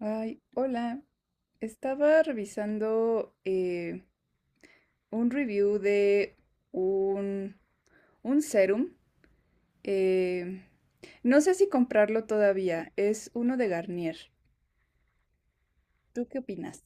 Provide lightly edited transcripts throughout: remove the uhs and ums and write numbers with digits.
Ay, hola. Estaba revisando un review de un, un serum. eh, no sé si comprarlo todavía. Es uno de Garnier. ¿Tú qué opinas?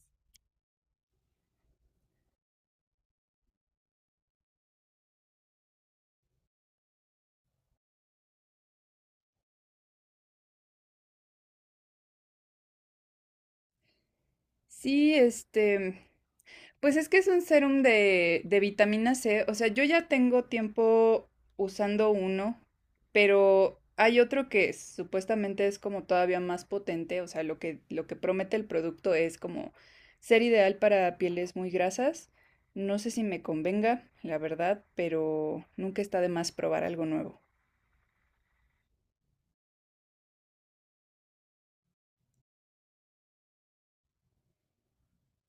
Sí, este. Pues es que es un serum de vitamina C. O sea, yo ya tengo tiempo usando uno, pero hay otro que supuestamente es como todavía más potente. O sea, lo que promete el producto es como ser ideal para pieles muy grasas. No sé si me convenga, la verdad, pero nunca está de más probar algo nuevo.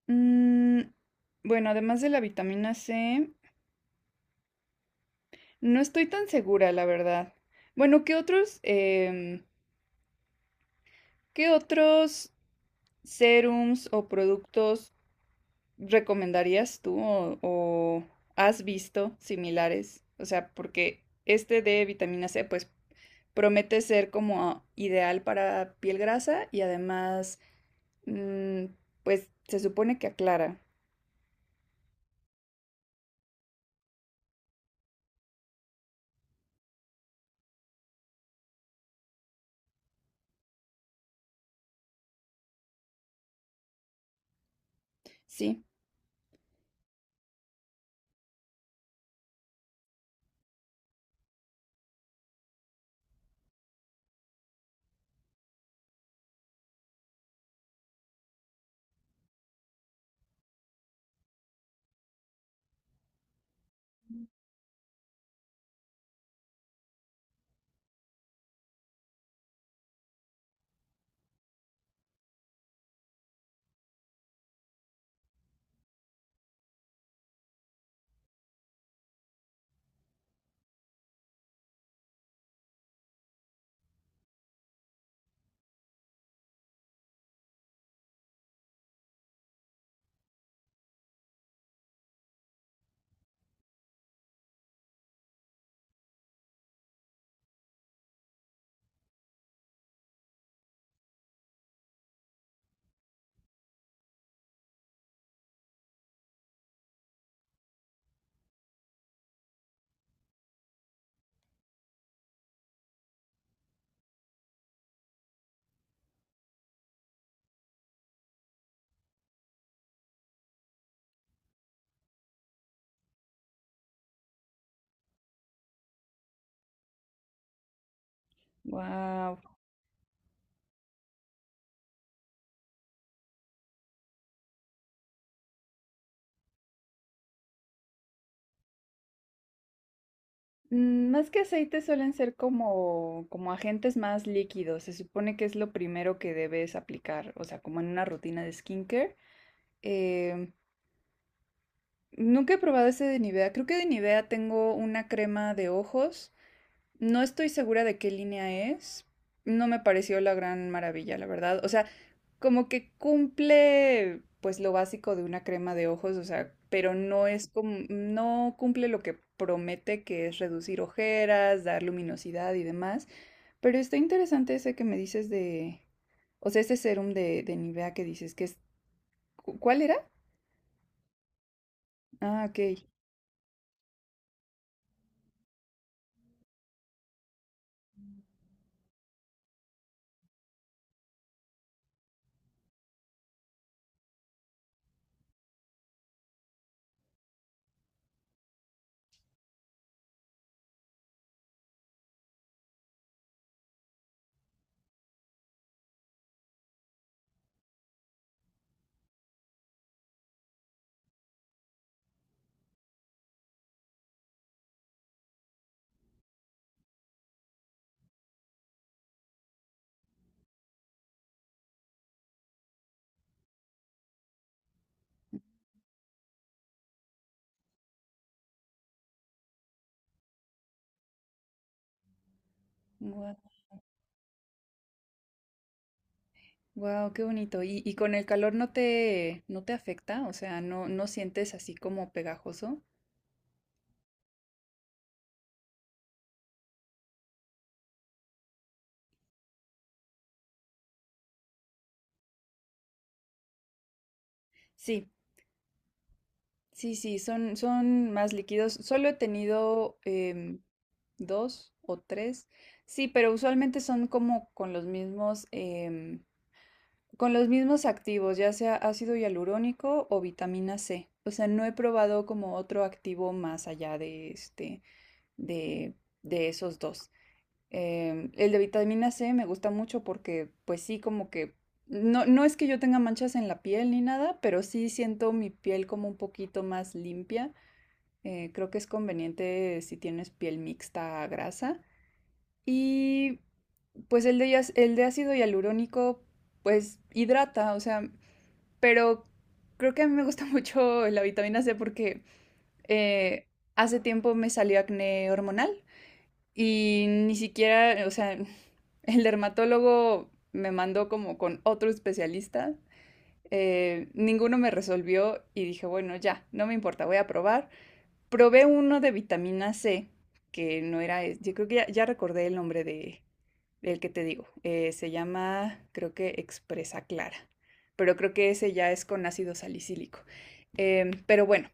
Mm, bueno, además de la vitamina C, no estoy tan segura, la verdad. Bueno, qué otros serums o productos recomendarías tú o has visto similares? O sea, porque este de vitamina C, pues promete ser como ideal para piel grasa y además, mm, pues se supone que aclara. Sí, wow. Más que aceite suelen ser como agentes más líquidos. Se supone que es lo primero que debes aplicar, o sea, como en una rutina de skincare. Eh, Nunca he probado ese de Nivea. Creo que de Nivea tengo una crema de ojos. No estoy segura de qué línea es. No me pareció la gran maravilla, la verdad. O sea, como que cumple pues lo básico de una crema de ojos, o sea, pero no es como, no cumple lo que promete que es reducir ojeras, dar luminosidad y demás. Pero está interesante ese que me dices de, o sea, ese serum de Nivea que dices que es, ¿cuál era? Ah, ok. Wow, qué bonito. ¿Y con el calor no te afecta? O sea, no, no sientes así como pegajoso. Sí, sí, sí, son más líquidos. Solo he tenido dos o tres. Sí, pero usualmente son como con los mismos activos, ya sea ácido hialurónico o vitamina C. O sea, no he probado como otro activo más allá de, de esos dos. El de vitamina C me gusta mucho porque, pues sí, como que no, no es que yo tenga manchas en la piel ni nada, pero sí siento mi piel como un poquito más limpia. Creo que es conveniente si tienes piel mixta a grasa. Y pues el de ácido hialurónico, pues hidrata, o sea, pero creo que a mí me gusta mucho la vitamina C porque eh, hace tiempo me salió acné hormonal y ni siquiera, o sea, el dermatólogo me mandó como con otro especialista. Ninguno me resolvió y dije, bueno, ya, no me importa, voy a probar. Probé uno de vitamina C, que no era, es- yo creo que ya recordé el nombre de, el que te digo, se llama, creo que Expresa Clara, pero creo que ese ya es con ácido salicílico. Pero bueno,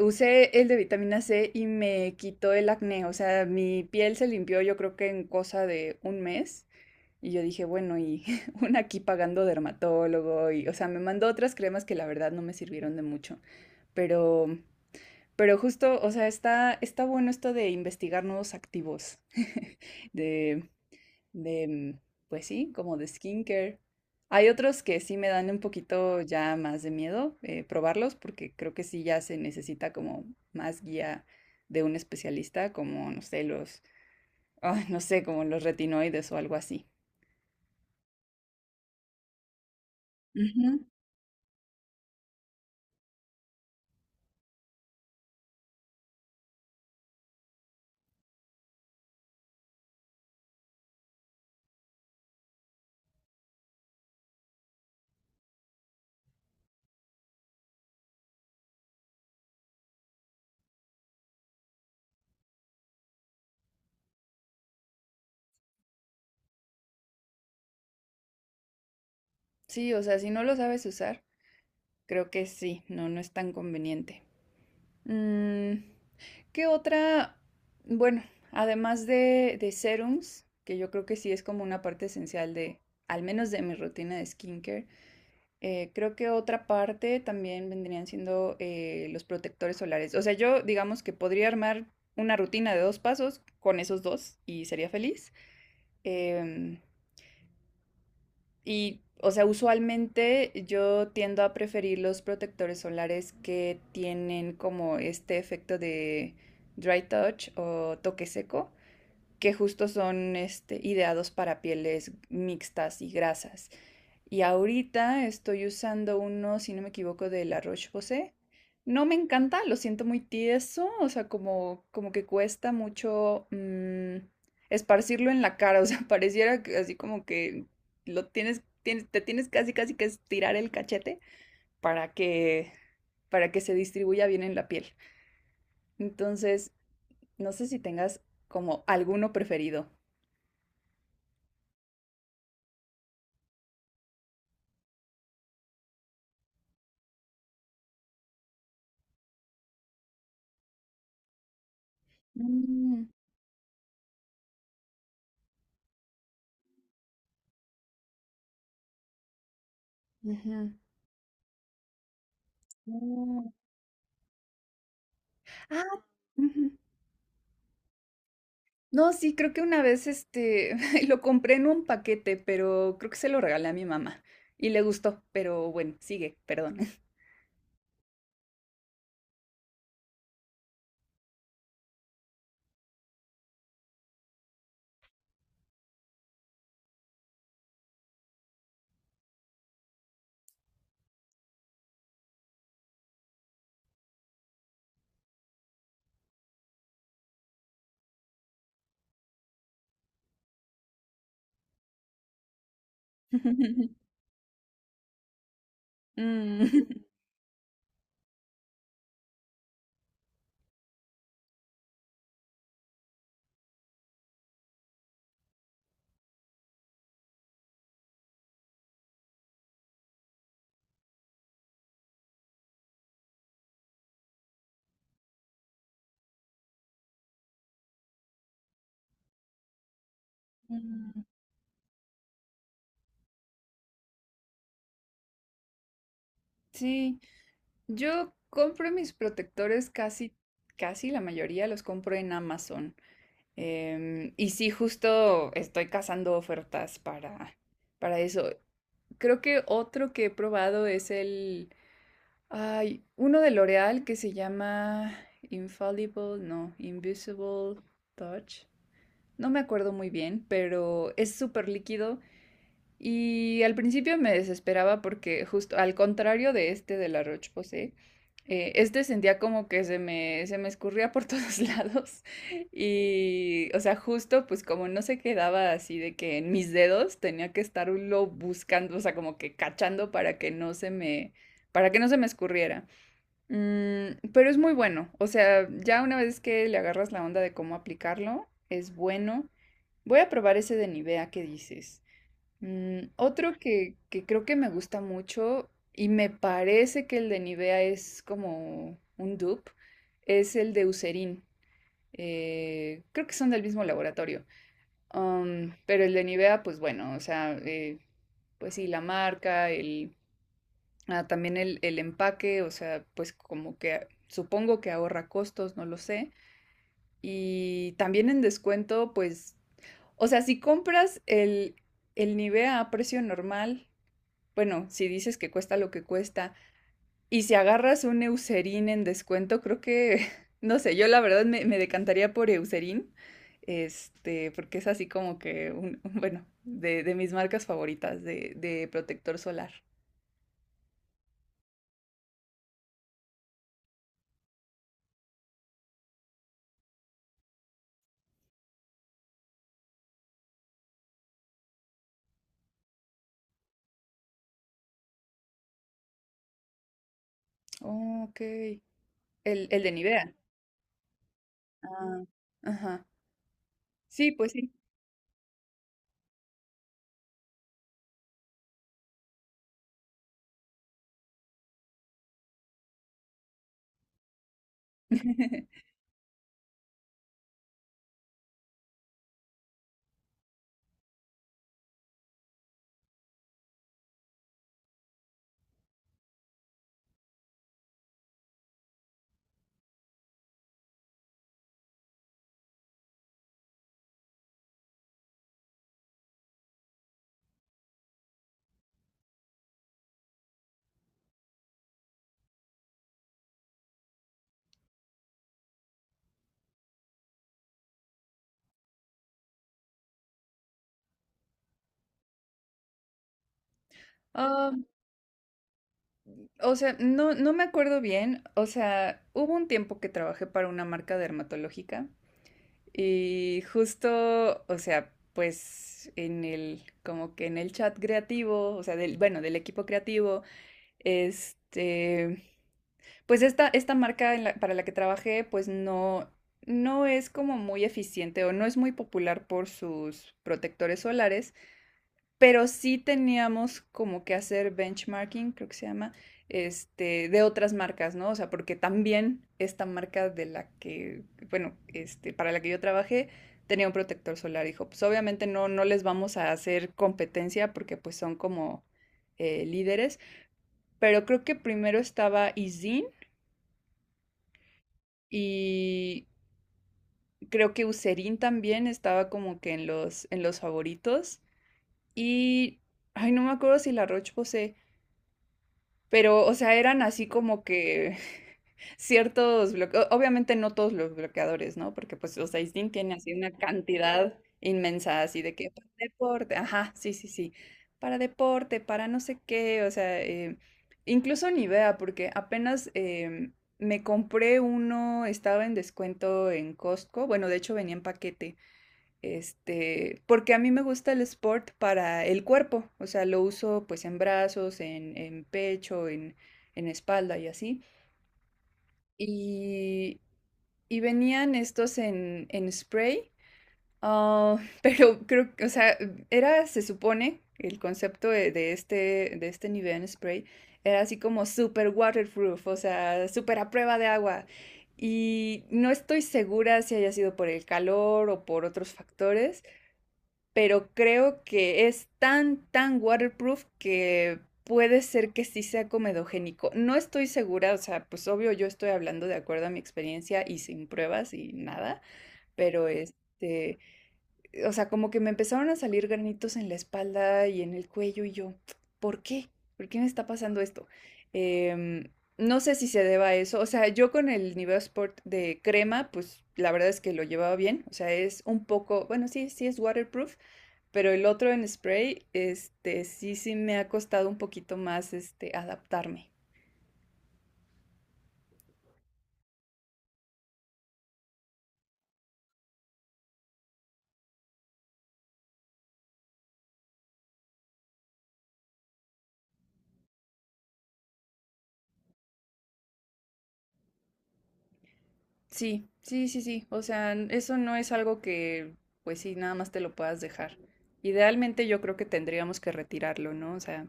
usé el de vitamina C y me quitó el acné, o sea, mi piel se limpió yo creo que en cosa de un mes. Y yo dije, bueno, y una aquí pagando dermatólogo, y, o sea, me mandó otras cremas que la verdad no me sirvieron de mucho, pero, pero justo, o sea, está bueno esto de investigar nuevos activos, de, de, mm, pues sí, como de skincare. Hay otros que sí me dan un poquito ya más de miedo probarlos porque creo que sí ya se necesita como más guía de un especialista, como, no sé, ah, no sé, como los retinoides o algo así. Ujú. Sí, o sea, si no lo sabes usar, creo que sí, no, no es tan conveniente. Mm, ¿qué otra? Bueno, además de serums, que yo creo que sí es como una parte esencial de, al menos de mi rutina de skincare, creo que otra parte también vendrían siendo los protectores solares. O sea, yo digamos que podría armar una rutina de dos pasos con esos dos y sería feliz. Em, y, o sea, usualmente yo tiendo a preferir los protectores solares que tienen como este efecto de dry touch o toque seco, que justo son ideados para pieles mixtas y grasas. Y ahorita estoy usando uno, si no me equivoco, de La Roche-Posay. No me encanta, lo siento muy tieso, o sea, como que cuesta mucho esparcirlo en la cara, o sea, pareciera que así como que te tienes casi casi que estirar el cachete para que, para que se distribuya bien en la piel. Entonces, no sé si tengas como alguno preferido. Mm. Ujú. Oh. Ah, ujú. No, sí, creo que una vez lo compré en un paquete, pero creo que se lo regalé a mi mamá y le gustó, pero bueno, sigue, perdón. Mm. Mm, Sí, yo compro mis protectores casi, casi la mayoría los compro en Amazon. Y sí, justo estoy cazando ofertas para eso. Creo que otro que he probado es el. Hay uno de L'Oreal que se llama Infallible, no, Invisible Touch. No me acuerdo muy bien, pero es súper líquido. Y al principio me desesperaba porque justo al contrario de este de la Roche-Posay, este sentía como que se me escurría por todos lados. Y, o sea, justo pues como no se quedaba así de que en mis dedos tenía que estarlo buscando, o sea, como que cachando para que no se me escurriera. Pero es muy bueno. O sea, ya una vez que le agarras la onda de cómo aplicarlo, es bueno. Voy a probar ese de Nivea que dices. Otro que creo que me gusta mucho y me parece que el de Nivea es como un dupe, es el de Eucerin. Creo que son del mismo laboratorio. Pero el de Nivea, pues bueno, o sea, pues sí, la marca, el Ah, también el empaque, o sea, pues como que supongo que ahorra costos, no lo sé. Y también en descuento, pues, o sea, si compras el Nivea a precio normal, bueno, si dices que cuesta lo que cuesta, y si agarras un Eucerin en descuento, creo que, no sé, yo la verdad me decantaría por Eucerin, porque es así como que, bueno, de mis marcas favoritas de protector solar. Oh, ok. El de Nivea. Ah, ajá. Sí, pues sí. Ah, o sea, no, no me acuerdo bien. O sea, hubo un tiempo que trabajé para una marca dermatológica y justo, o sea, pues en como que en el chat creativo, o sea, bueno, del equipo creativo, este, pues esta marca para la que trabajé, pues no, no es como muy eficiente o no es muy popular por sus protectores solares. Pero sí teníamos como que hacer benchmarking, creo que se llama, de otras marcas, ¿no? O sea, porque también esta marca bueno, para la que yo trabajé, tenía un protector solar. Dijo, pues obviamente no, no les vamos a hacer competencia porque pues son como líderes, pero creo que primero estaba Izin y creo que Userin también estaba como que en los favoritos y, ay, no me acuerdo si la Roche Posay. Pero, o sea, eran así como que ciertos bloqueos, obviamente no todos los bloqueadores, ¿no? Porque pues, o sea, Isdin tiene así una cantidad inmensa, así de que para deporte, ajá, sí, sí, sí, para deporte, para no sé qué, o sea, incluso ni vea porque apenas me compré uno, estaba en descuento en Costco, bueno, de hecho venía en paquete, porque a mí me gusta el sport para el cuerpo, o sea, lo uso pues en brazos, en pecho, en espalda y así. Y, y venían estos en spray, ah, pero creo que, o sea, era, se supone, el concepto de este nivel en spray era así como super waterproof, o sea, super a prueba de agua. Y no estoy segura si haya sido por el calor o por otros factores, pero creo que es tan, tan waterproof que puede ser que sí sea comedogénico. No estoy segura, o sea, pues obvio yo estoy hablando de acuerdo a mi experiencia y sin pruebas y nada, pero o sea, como que me empezaron a salir granitos en la espalda y en el cuello y yo, ¿por qué? ¿Por qué me está pasando esto? Em, no sé si se deba a eso. O sea, yo con el Nivea Sport de crema, pues la verdad es que lo llevaba bien. O sea, es un poco, bueno, sí, sí es waterproof, pero el otro en spray, sí, sí me ha costado un poquito más, adaptarme. Sí, sí, sí, sí. O sea, eso no es algo que, pues sí, nada más te lo puedas dejar. Idealmente yo creo que tendríamos que retirarlo, ¿no? O sea,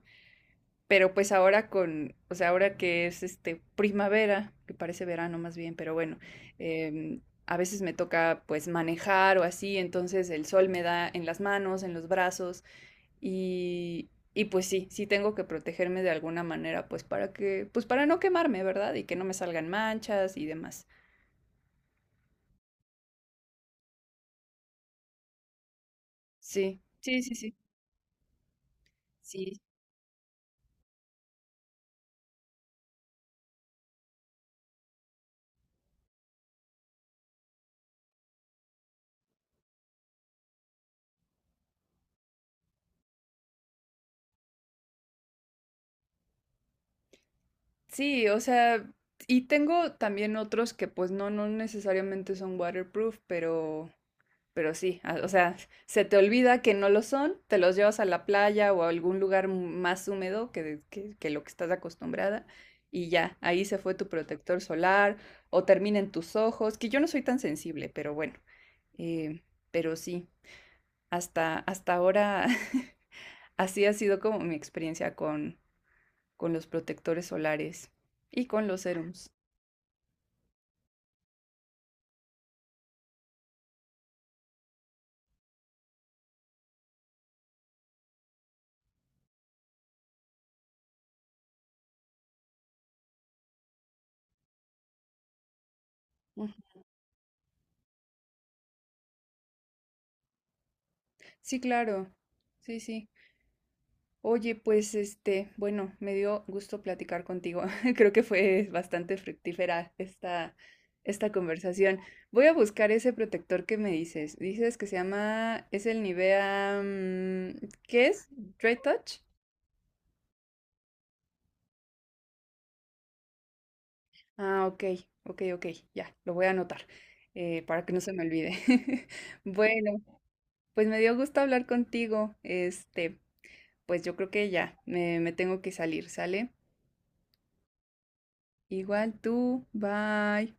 pero pues ahora ahora que es primavera, que parece verano más bien, pero bueno, em, a veces me toca pues manejar o así, entonces el sol me da en las manos, en los brazos. Y pues sí, sí tengo que protegerme de alguna manera, pues para que, pues para no quemarme, ¿verdad? Y que no me salgan manchas y demás. Sí, sí, sí, sí, sí, sí, o sea, y tengo también otros que pues no, no necesariamente son waterproof, pero sí, o sea, se te olvida que no lo son, te los llevas a la playa o a algún lugar más húmedo que lo que estás acostumbrada y ya, ahí se fue tu protector solar o termina en tus ojos, que yo no soy tan sensible, pero bueno, eh, pero sí, hasta ahora así ha sido como mi experiencia con los protectores solares y con los serums. Ujú. Sí, claro, sí, sí. Oye, pues bueno, me dio gusto platicar contigo. Creo que fue bastante fructífera esta conversación. Voy a buscar ese protector que me dices. Dices que se llama, es el Nivea, ¿qué es? Dry Touch. Ah, ok, ok, ok, ya, lo voy a anotar para que no se me olvide. Bueno, pues me dio gusto hablar contigo. Pues yo creo que ya, me tengo que salir, ¿sale? Igual tú, bye.